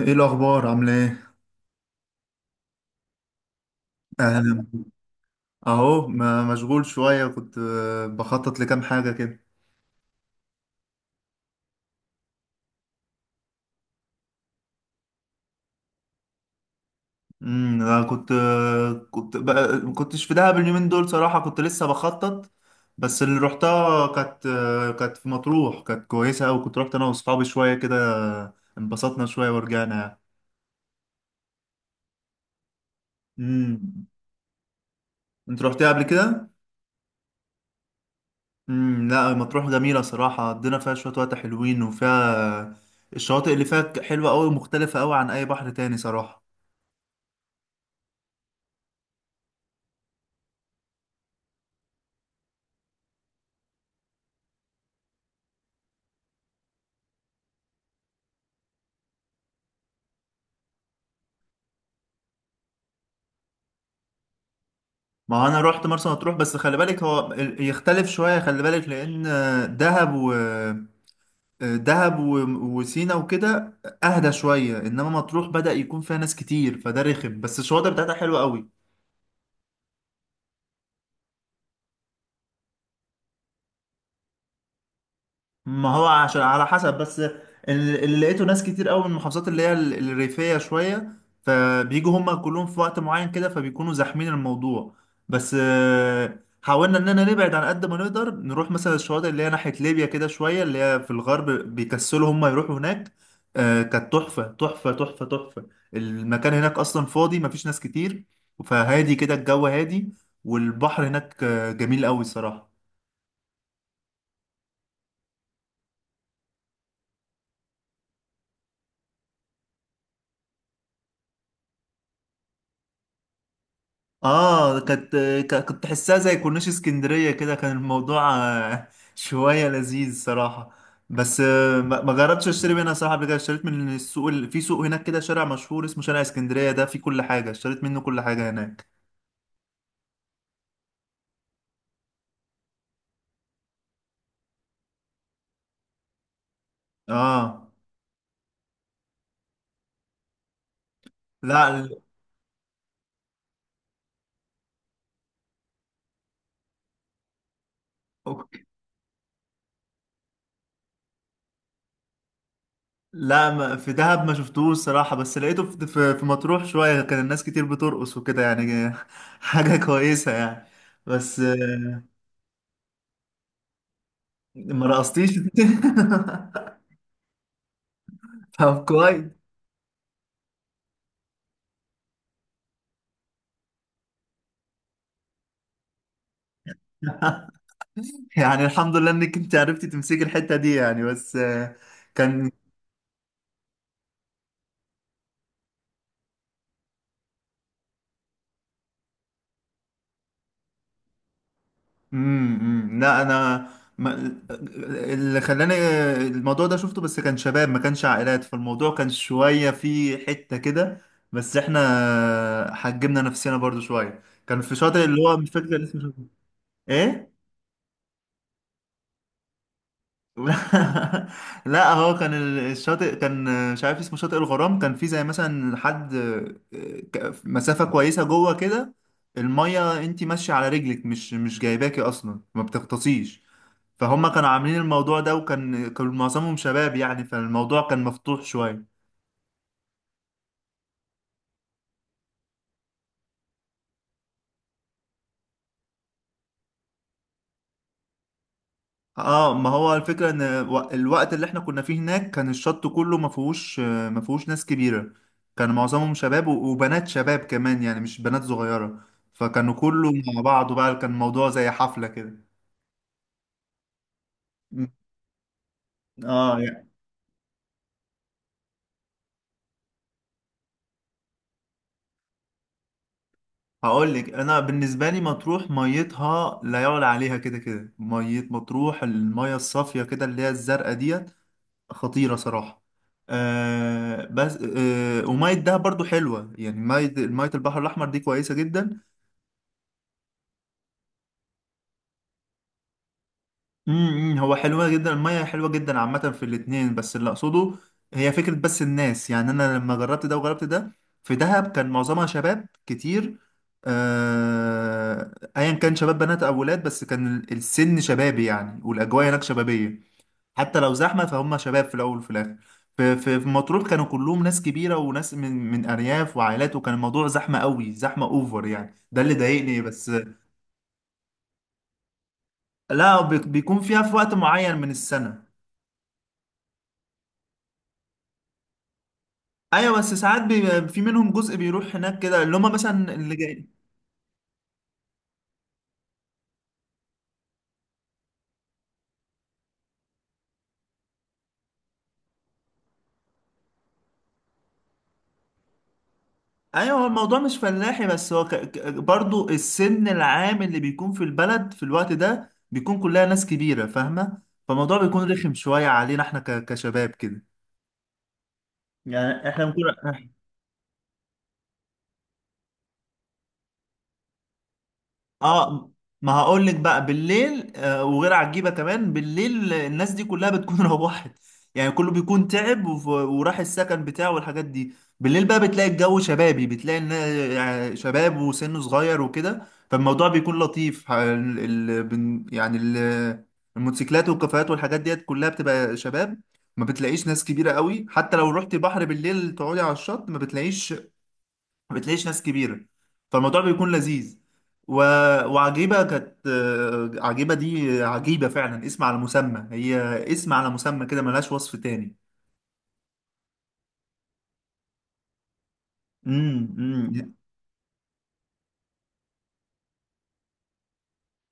ايه الاخبار، عامله ايه؟ اهلا. اهو مشغول شويه. كنت بخطط لكام حاجه كده. انا كنت بقى ما كنتش في دهب اليومين دول، صراحه كنت لسه بخطط. بس اللي روحتها كانت في مطروح. كانت كويسه قوي. كنت رحت انا واصحابي شويه كده، انبسطنا شويه ورجعنا يعني. امم انت رحتها قبل كده؟ لا، مطروح جميله صراحه. قضينا فيها شويه وقت حلوين، وفيها الشواطئ اللي فيها حلوه قوي ومختلفه قوي عن اي بحر تاني صراحه. ما هو انا رحت مرسى مطروح، بس خلي بالك هو يختلف شويه، خلي بالك لان دهب و دهب و- وسينا وكده. اهدى شويه، انما مطروح بدأ يكون فيها ناس كتير فده رخم، بس الشواطئ بتاعتها حلوه قوي. ما هو عشان على حسب بس. اللي لقيته ناس كتير قوي من المحافظات اللي هي الريفية شوية، فبيجوا هما كلهم في وقت معين كده، فبيكونوا زاحمين الموضوع. بس حاولنا اننا نبعد عن قد ما نقدر. نروح مثلا الشواطئ اللي هي ناحية ليبيا كده شوية، اللي هي في الغرب بيكسلوا هما يروحوا هناك. كانت تحفة تحفة تحفة تحفة. المكان هناك أصلا فاضي، مفيش ناس كتير. فهادي كده، الجو هادي. والبحر هناك جميل قوي الصراحة. اه، كانت. كنت تحسها زي كورنيش اسكندرية كده. كان الموضوع شوية لذيذ صراحة. بس ما جربتش اشتري منها صراحة. قبل كده اشتريت من السوق في سوق هناك كده، شارع مشهور اسمه شارع اسكندرية، ده فيه كل حاجة. اشتريت منه كل حاجة هناك. اه. لا. أوكي. لا، ما في دهب ما شفتوش صراحة. بس لقيته في مطروح شوية، كان الناس كتير بترقص وكده يعني. حاجة كويسة يعني. بس ما رقصتيش؟ طب كويس. يعني الحمد لله انك انت عرفتي تمسكي الحتة دي يعني. بس كان. مم، مم. لا، انا. ما... اللي خلاني الموضوع ده شفته، بس كان شباب ما كانش عائلات، فالموضوع كان شوية فيه حتة كده. بس احنا حجمنا نفسنا برضو شوية. كان في شاطئ اللي هو مش فاكر اسمه شاطئ. ايه؟ لا، هو كان الشاطئ كان مش عارف اسمه شاطئ الغرام. كان فيه زي مثلا حد مسافة كويسة جوه كده. المية انتي ماشية على رجلك مش جايباكي اصلا، ما بتغطسيش. فهم كانوا عاملين الموضوع ده، وكان معظمهم شباب يعني، فالموضوع كان مفتوح شوية. اه، ما هو الفكرة ان الوقت اللي احنا كنا فيه هناك كان الشط كله ما فيهوش ناس كبيرة. كان معظمهم شباب و- وبنات شباب كمان، يعني مش بنات صغيرة. فكانوا كله مع بعض بقى، كان الموضوع زي حفلة كده. م. اه، يعني. هقول لك. انا بالنسبة لي مطروح ميتها لا يعلى عليها، كده كده مية مطروح، المية الصافية كده اللي هي الزرقاء ديت خطيرة صراحة. بس ومية دهب برضو حلوة، يعني مية البحر الأحمر دي كويسة جدا. هو حلوة جدا، المية حلوة جدا عامة في الاتنين، بس اللي أقصده هي فكرة بس. الناس يعني أنا لما جربت ده وجربت ده، في دهب كان معظمها شباب كتير. آه، أيا كان شباب بنات أو ولاد، بس كان السن شبابي يعني، والأجواء هناك شبابية. حتى لو زحمة، فهم شباب في الأول وفي الآخر. في مطروح كانوا كلهم ناس كبيرة وناس من أرياف وعائلات، وكان الموضوع زحمة قوي زحمة أوفر يعني. ده اللي ضايقني بس. لا، بيكون فيها في وقت معين من السنة. ايوه، بس ساعات بيبقى في منهم جزء بيروح هناك كده، اللي هم مثلا اللي جاي. ايوه، هو الموضوع مش فلاحي بس. هو برضو السن العام اللي بيكون في البلد في الوقت ده بيكون كلها ناس كبيرة فاهمة. فالموضوع بيكون رخم شوية علينا احنا كشباب كده. يعني احنا بنكون. اه، ما هقول لك بقى بالليل وغير عجيبه كمان، بالليل الناس دي كلها بتكون روحت. يعني كله بيكون تعب وف- وراح السكن بتاعه والحاجات دي. بالليل بقى بتلاقي الجو شبابي، بتلاقي يعني شباب وسنه صغير وكده. فالموضوع بيكون لطيف. يعني الموتوسيكلات والكافيهات والحاجات ديت كلها بتبقى شباب. ما بتلاقيش ناس كبيره قوي، حتى لو رحت بحر بالليل تقعدي على الشط ما بتلاقيش. ما بتلاقيش ناس كبيرة. فالموضوع بيكون لذيذ. و... وعجيبة. كانت آه، عجيبة دي عجيبة فعلا اسم على مسمى هي. اسم على مسمى كده، ملهاش وصف تاني. امم، امم.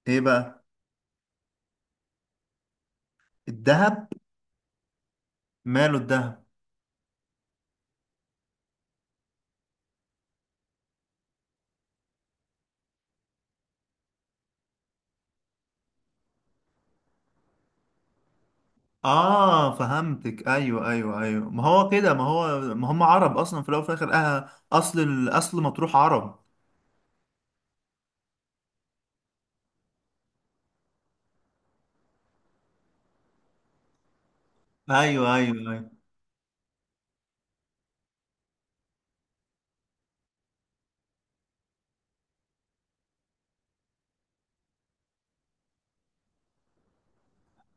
ايه بقى؟ الذهب. ماله الذهب؟ اه، فهمتك، ايوه ايوه ايوه، ما هو كده، ما هو ما هم عرب اصلا في الاول وفي الاخر. اصل الاصل مطروح عرب. ايوه ايوه أيوة.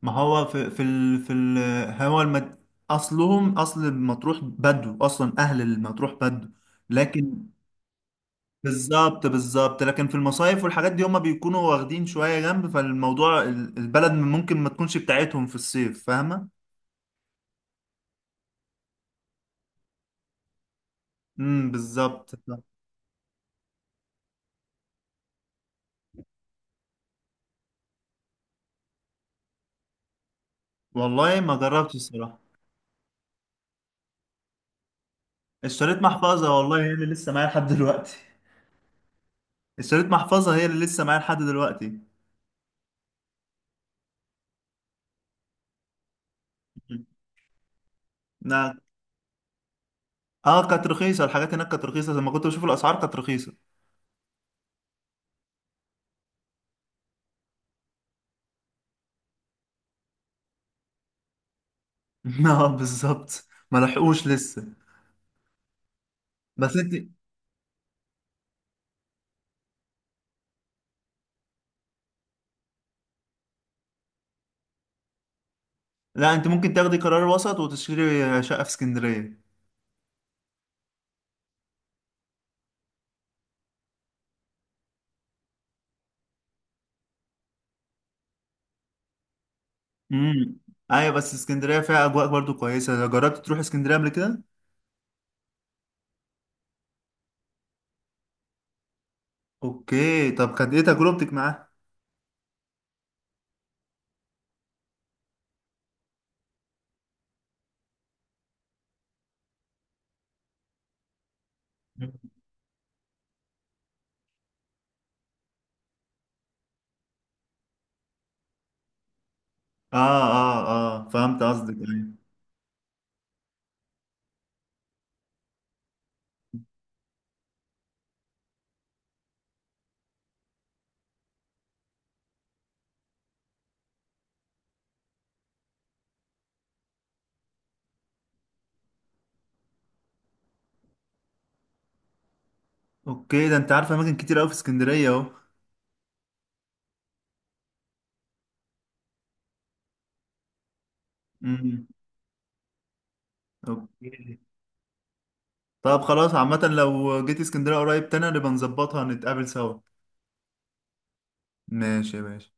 ما هو في في ال... في ال... هو المد... اصلهم اصل مطروح بدو اصلا، اهل المطروح بدو. لكن. بالظبط بالظبط، لكن في المصايف والحاجات دي هما بيكونوا واخدين شوية جنب، فالموضوع البلد ممكن ما تكونش بتاعتهم في الصيف، فاهمة؟ بالظبط. والله، ما جربتش الصراحة. اشتريت محفظة، والله هي اللي لسه معايا لحد دلوقتي. اشتريت محفظة، هي اللي لسه معايا لحد دلوقتي. نعم؟ اه، كانت رخيصة. الحاجات هناك كانت رخيصة، لما كنت بشوف الأسعار كانت رخيصة. اه بالظبط، ما لحقوش لسه. بس انت. لا، انت ممكن تاخدي قرار وسط وتشتري شقة في اسكندرية. امم ايوه، بس اسكندرية فيها اجواء برضو كويسة. جربت تروح اسكندرية قبل كده؟ اوكي، طب كانت ايه تجربتك معاها؟ اه اه اه، فهمت قصدك، ايوه. اوكي، ده انت عارفة اماكن كتير قوي في اسكندرية اهو. امم اوكي، طب خلاص، عامة لو جيت اسكندرية قريب تاني نبقى نظبطها نتقابل سوا. ماشي يا باشا.